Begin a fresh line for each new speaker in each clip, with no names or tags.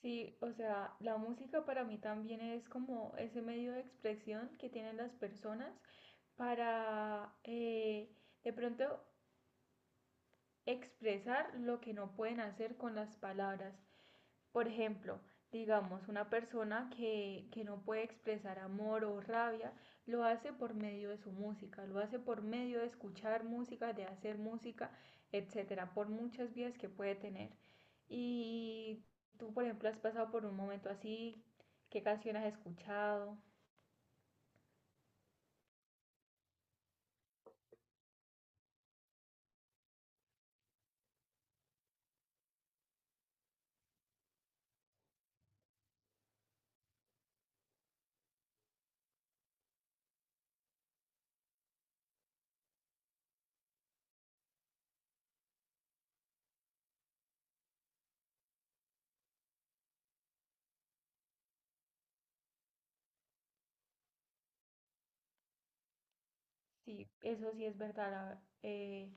Sí, o sea, la música para mí también es como ese medio de expresión que tienen las personas para de pronto expresar lo que no pueden hacer con las palabras. Por ejemplo, digamos, una persona que no puede expresar amor o rabia, lo hace por medio de su música, lo hace por medio de escuchar música, de hacer música, etcétera, por muchas vías que puede tener. Y tú, por ejemplo, has pasado por un momento así, ¿qué canción has escuchado? Sí, eso sí es verdad.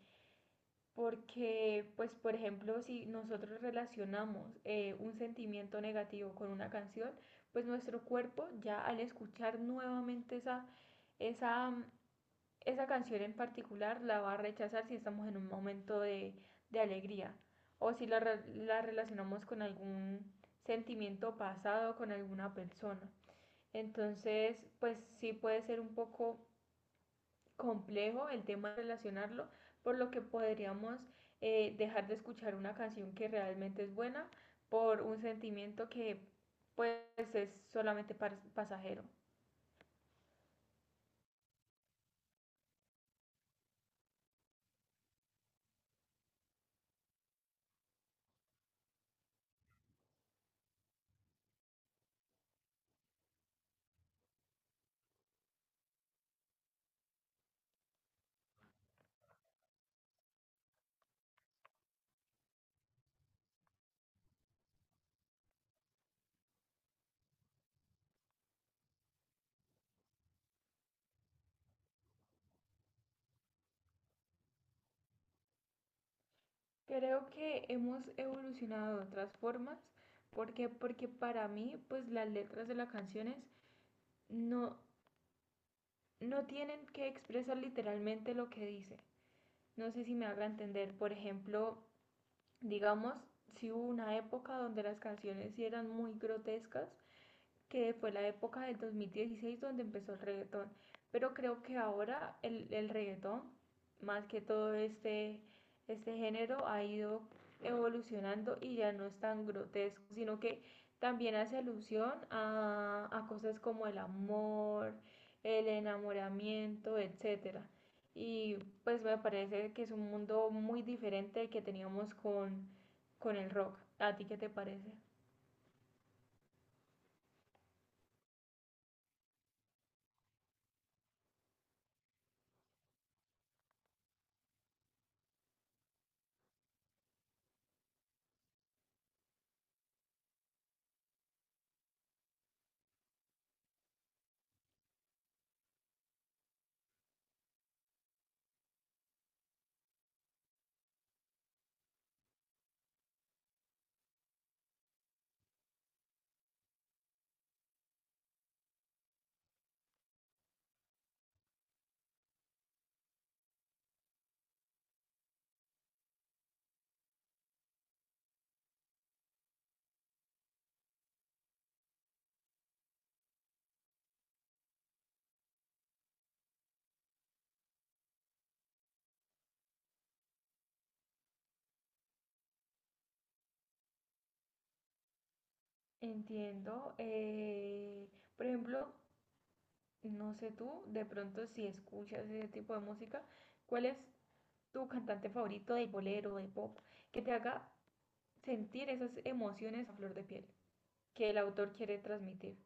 Porque, pues, por ejemplo, si nosotros relacionamos un sentimiento negativo con una canción, pues nuestro cuerpo ya al escuchar nuevamente esa esa canción en particular la va a rechazar si estamos en un momento de alegría o si la relacionamos con algún sentimiento pasado, con alguna persona. Entonces, pues sí puede ser un poco complejo el tema de relacionarlo, por lo que podríamos dejar de escuchar una canción que realmente es buena por un sentimiento que pues es solamente pasajero. Creo que hemos evolucionado de otras formas, porque para mí pues las letras de las canciones no no tienen que expresar literalmente lo que dice. No sé si me haga entender, por ejemplo, digamos, si hubo una época donde las canciones sí eran muy grotescas, que fue la época del 2016 donde empezó el reggaetón. Pero creo que ahora el reggaetón, más que todo este género, ha ido evolucionando y ya no es tan grotesco, sino que también hace alusión a cosas como el amor, el enamoramiento, etcétera. Y pues me parece que es un mundo muy diferente que teníamos con el rock. ¿A ti qué te parece? Entiendo. Por ejemplo, no sé tú, de pronto si escuchas ese tipo de música, ¿cuál es tu cantante favorito de bolero, de pop, que te haga sentir esas emociones a flor de piel que el autor quiere transmitir?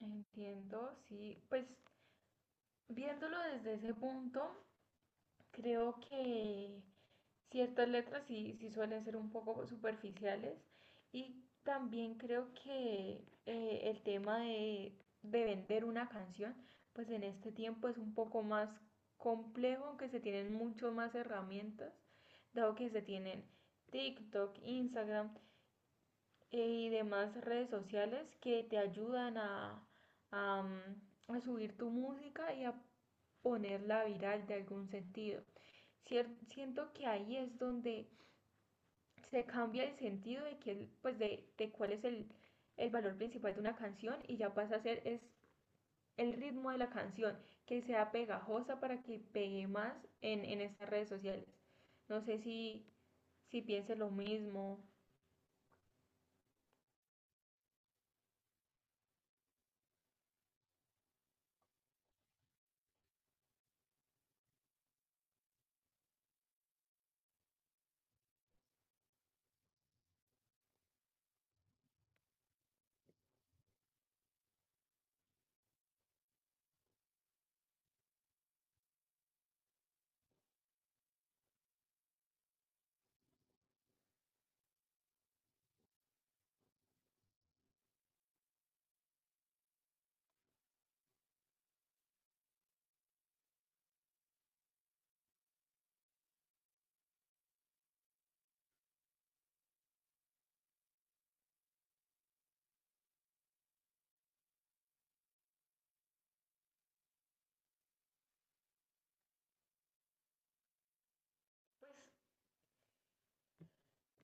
Entiendo, sí. Pues viéndolo desde ese punto, creo que ciertas letras sí, sí suelen ser un poco superficiales y también creo que el tema de vender una canción, pues en este tiempo es un poco más complejo, aunque se tienen mucho más herramientas, dado que se tienen TikTok, Instagram, y demás redes sociales que te ayudan a, a subir tu música y a ponerla viral de algún sentido. Siento que ahí es donde se cambia el sentido de, que, pues de cuál es el valor principal de una canción y ya pasa a ser es el ritmo de la canción, que sea pegajosa para que pegue más en estas redes sociales. No sé si, si pienses lo mismo.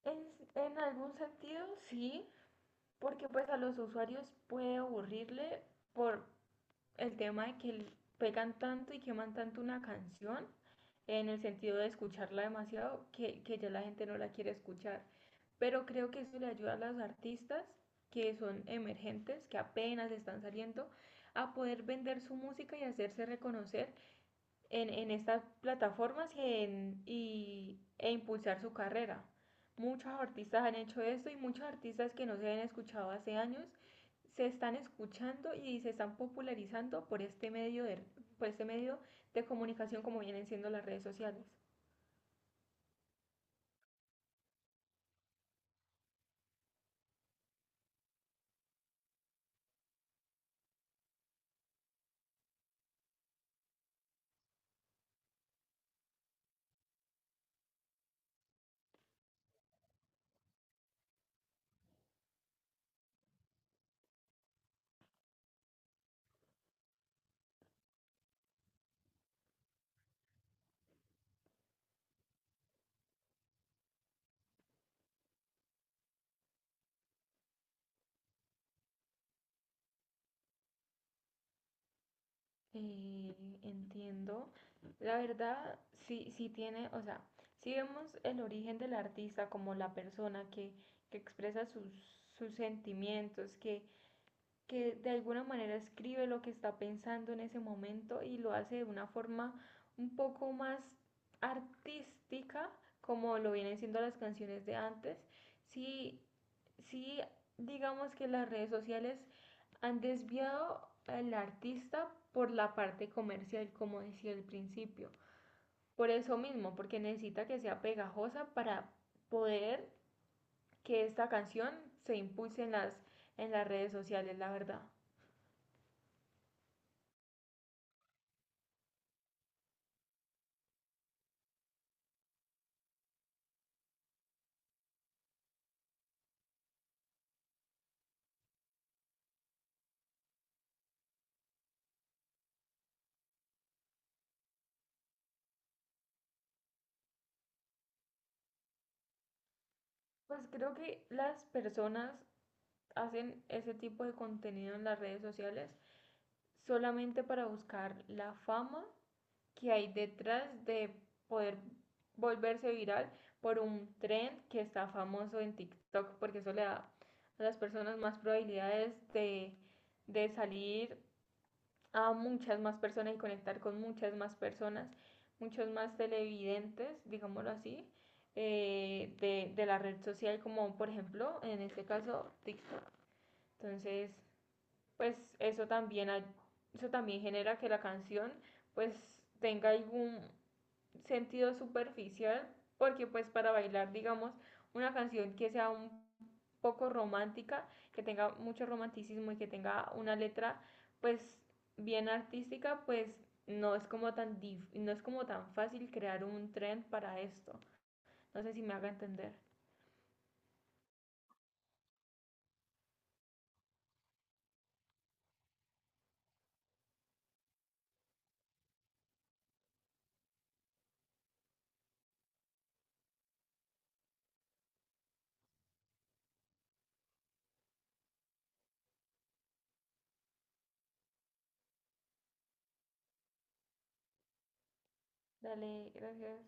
Pues en algún sentido sí, porque pues a los usuarios puede aburrirle por el tema de que pegan tanto y queman tanto una canción en el sentido de escucharla demasiado, que ya la gente no la quiere escuchar. Pero creo que eso le ayuda a los artistas que son emergentes, que apenas están saliendo, a poder vender su música y hacerse reconocer en estas plataformas e impulsar su carrera. Muchos artistas han hecho esto y muchos artistas que no se habían escuchado hace años se están escuchando y se están popularizando por este medio de, por este medio de comunicación como vienen siendo las redes sociales. Eh, Entiendo. La verdad, sí, sí tiene, o sea, si vemos el origen del artista como la persona que expresa sus, sus sentimientos, que de alguna manera escribe lo que está pensando en ese momento y lo hace de una forma un poco más artística, como lo vienen siendo las canciones de antes. Sí, sí digamos que las redes sociales han desviado al artista por la parte comercial, como decía al principio. Por eso mismo, porque necesita que sea pegajosa para poder que esta canción se impulse en las redes sociales, la verdad. Pues creo que las personas hacen ese tipo de contenido en las redes sociales solamente para buscar la fama que hay detrás de poder volverse viral por un trend que está famoso en TikTok, porque eso le da a las personas más probabilidades de salir a muchas más personas y conectar con muchas más personas, muchos más televidentes, digámoslo así, de la red social, como por ejemplo, en este caso, TikTok. Entonces, pues eso también genera que la canción pues tenga algún sentido superficial, porque pues para bailar, digamos, una canción que sea un poco romántica, que tenga mucho romanticismo y que tenga una letra pues bien artística, pues no es como no es como tan fácil crear un trend para esto. No sé si me haga entender. Dale, gracias.